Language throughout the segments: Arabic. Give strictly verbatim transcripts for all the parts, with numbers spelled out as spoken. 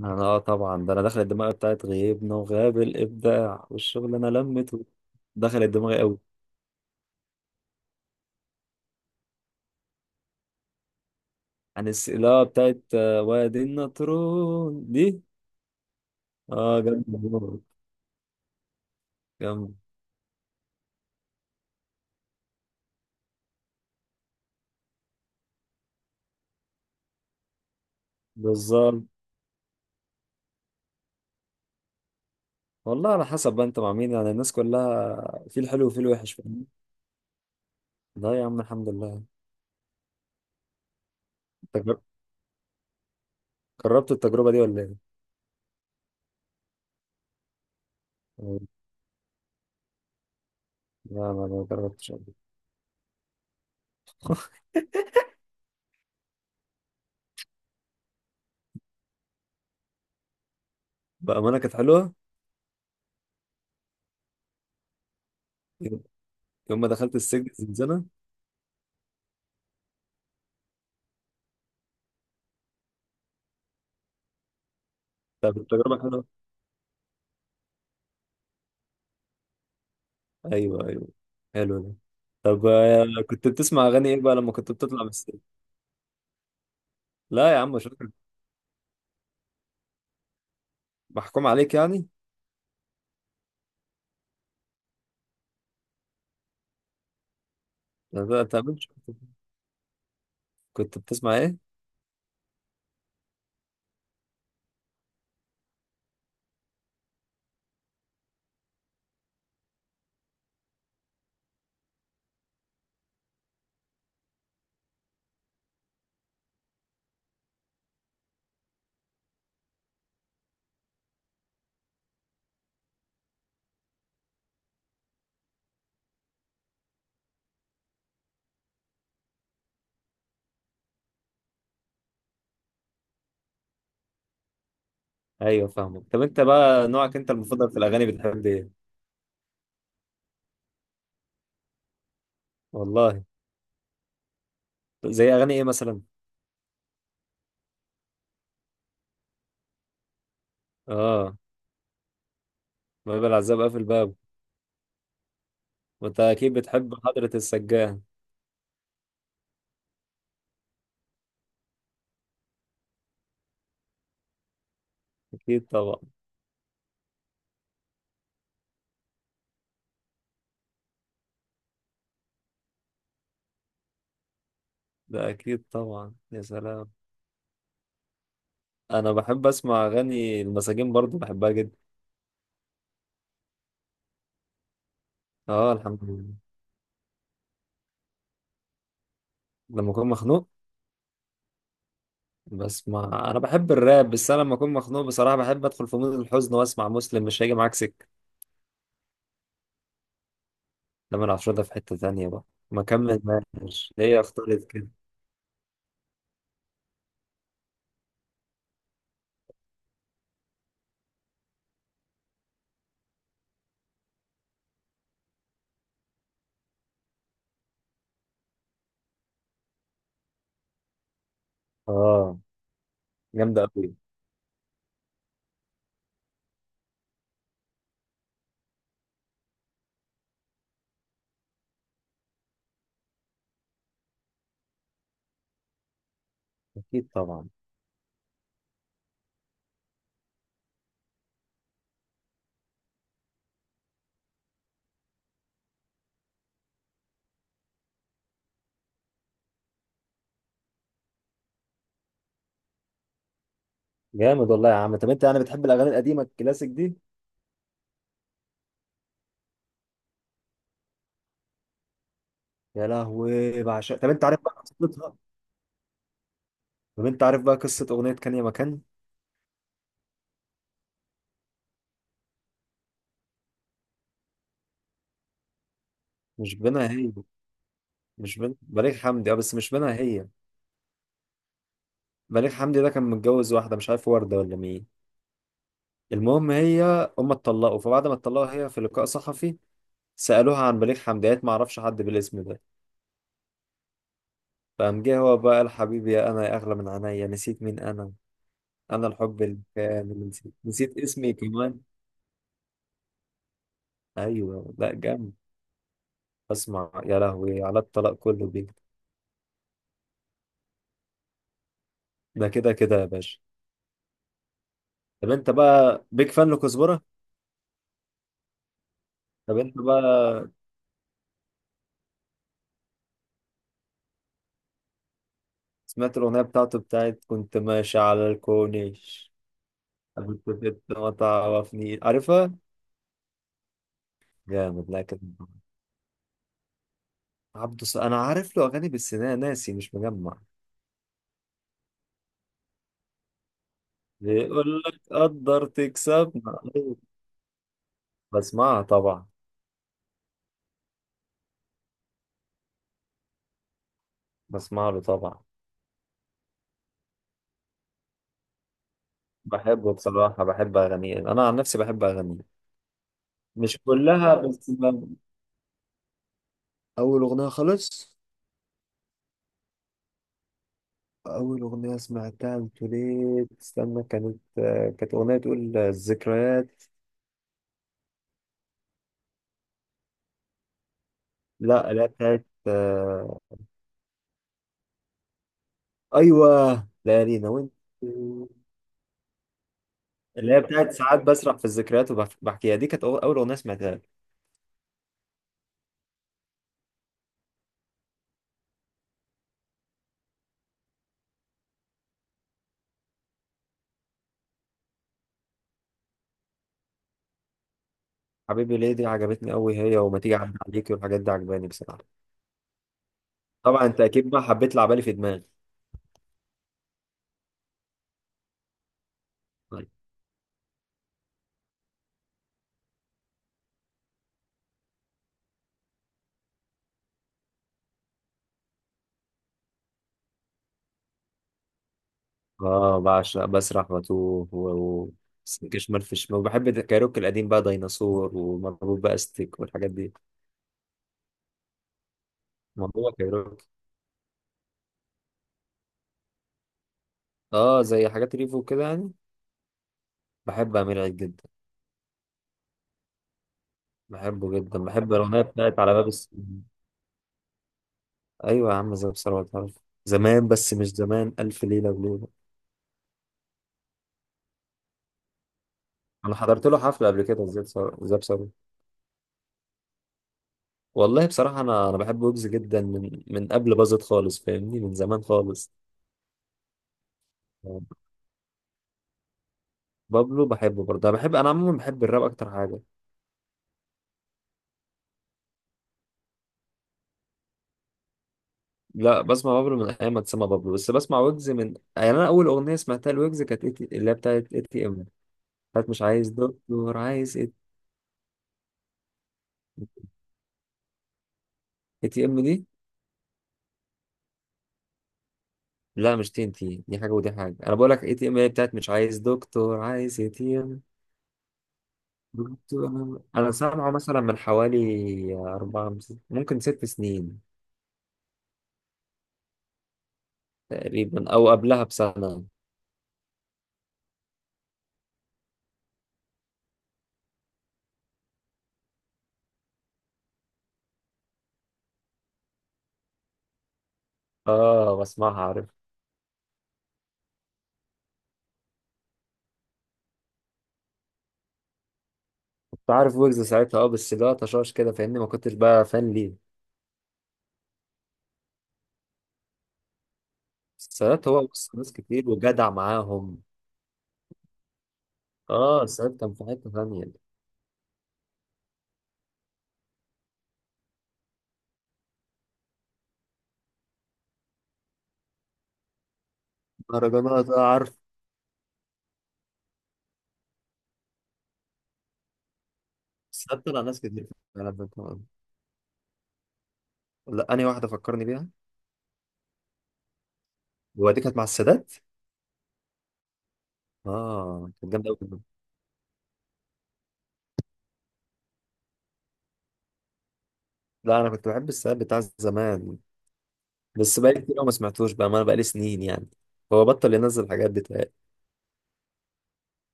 انا، اه طبعا ده انا دخلت دماغي بتاعت غيبنا وغاب الابداع والشغل انا لمته. دخلت دماغي قوي. عن السئلة بتاعت آه، وادي النطرون دي. اه، جامدة موت. جامدة. بالظبط. والله على حسب بقى انت مع مين، يعني الناس كلها في الحلو وفي الوحش، فاهم؟ لا يا عم، الحمد لله. أنت جر- جربت التجربة دي ولا ايه؟ لا، ما ما جربتش قبل. بأمانة كانت حلوة. يوم يوم ما دخلت السجن الزنزانة. طب التجربة حلوة. ايوه، ايوه. حلو ده. طب، آه، كنت بتسمع اغاني ايه بقى لما كنت بتطلع من السجن؟ لا يا عم، شكرا. محكوم عليك يعني. لا، لا، انت ما كنتش- كنت بتسمع ايه؟ ايوه، فاهمك. طب انت بقى، نوعك انت المفضل في الاغاني، بتحب ايه؟ والله. زي اغاني ايه مثلا؟ اه. باب العزاب قافل بابه. وانت اكيد بتحب حضرة السجان. اكيد طبعا. ده اكيد طبعا، يا سلام. انا بحب اسمع اغاني المساجين برضو، بحبها جدا. اه، الحمد لله. لما اكون مخنوق. بسمع، انا بحب الراب، بس انا لما اكون مخنوق بصراحه بحب ادخل في مود الحزن واسمع مسلم، مش هيجي معاك سكه. لما انا ده في حته ثانيه بقى. ما كمل. ماشي، هي اختارت كده. اه، جامده قوي. اكيد طبعا. جامد والله يا عم. طب انت يعني بتحب الاغاني القديمه الكلاسيك دي؟ يا لهوي بعشق. طب انت عارف بقى قصتها؟ طب انت عارف بقى قصه اغنيه كان يا مكان؟ مش بينها هي. مش بين بليغ حمدي، اه، بس مش بينها هي. بليغ حمدي ده كان متجوز واحده مش عارف ورده ولا مين. المهم، هي، هم اتطلقوا، فبعد ما اتطلقوا هي في لقاء صحفي سألوها عن بليغ حمديات ما اعرفش حد بالاسم ده. فقام جه هو بقى قال: حبيبي انا يا اغلى من عينيا، نسيت مين انا، انا الحب الكامل، نسيت، نسيت اسمي كمان. ايوه، لا جامد. اسمع يا لهوي، على الطلاق كله بيك. ده كده كده يا باشا. طب انت بقى بيك فان لكزبرة؟ طب انت بقى. سمعت الاغنيه بتاعته، بتاعت كنت ماشي على الكورنيش؟ قبل كنت ما تعرفني عارفها. جامد، لا كده. عبده الص- انا عارف له اغاني بس انا ناسي، مش مجمع. بيقول لك قدر تكسبنا، أيوة. بسمعها طبعا. بسمع له طبعا. بحبه بصراحة، بحب اغانيه، انا عن نفسي بحب اغانيه. مش كلها بس ب-. اول اغنية خالص. اول اغنية سمعتها قلت ليه استنى، كانت، آه، كانت اغنية تقول الذكريات. لا لا، بتاعت آه، ايوه، ليالينا، وانت؟ اللي هي بتاعت ساعات بسرح في الذكريات وبحكيها، دي كانت أول أول أغنية سمعتها. حبيبي ليه دي عجبتني قوي، هي وما تيجي اعدي عليكي، والحاجات دي عجباني بصراحه. طبعا انت اكيد بقى حبيت لعبالي في دماغي. طيب. اه، بعشق بسرح واتوه و... و... سلك شمال في شمال، وبحب الكايروكي القديم بقى، ديناصور ومربوط بقى ستيك والحاجات دي. موضوع كايروكي. اه، زي حاجات ريفو كده يعني. بحب امير عيد جدا. بحبه جدا، بحب الاغنيه بتاعت على باب السجن. ايوه يا عم، زي ثروت عارف. زمان، بس مش زمان الف ليله وليله. انا حضرت له حفله قبل كده، زي ثروت. والله بصراحة، أنا أنا بحب ويجز جدا من من قبل باظت خالص، فاهمني، من زمان خالص. بابلو بحبه برضه، أنا بحب، أنا عموما بحب الراب أكتر حاجة. لا، بسمع بابلو من أيام ما اتسمى بابلو، بس بسمع ويجز من يعني، أنا أول أغنية سمعتها لويجز كانت إتي... اللي هي بتاعت اي تي إم. بتاعت مش عايز دكتور، عايز اي تي إم. دي لا، مش تي إن تي. دي حاجة ودي حاجة، أنا بقول لك اي تي إم، هي بتاعت مش عايز دكتور عايز اي تي إم. دكتور، أنا سامعه مثلا من حوالي أربعة، ممكن ست سنين، تقريبا أو قبلها بسنة. اه، بسمعها عارف. كنت عارف ويجز ساعتها، اه، بس لا، طشاش كده، فاهمني، ما كنتش بقى فان ليه. بس سادات هو بص ناس كتير وجدع معاهم. اه، سادات كان في حتة ثانية. مهرجانات، اه، عارف. سادات طلع ناس كتير فعلا، بتوع-. لا، انهي واحدة فكرني بيها. هو دي كانت مع السادات؟ اه، كانت جامدة أوي. لا، انا كنت بحب السادات بتاع زمان. بس بقالي كتير أوي ما سمعتوش بقى، ما انا بقالي سنين يعني. هو بطل ينزل الحاجات دي تلاقي.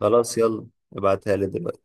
خلاص، يلا. ابعتها لي دلوقتي.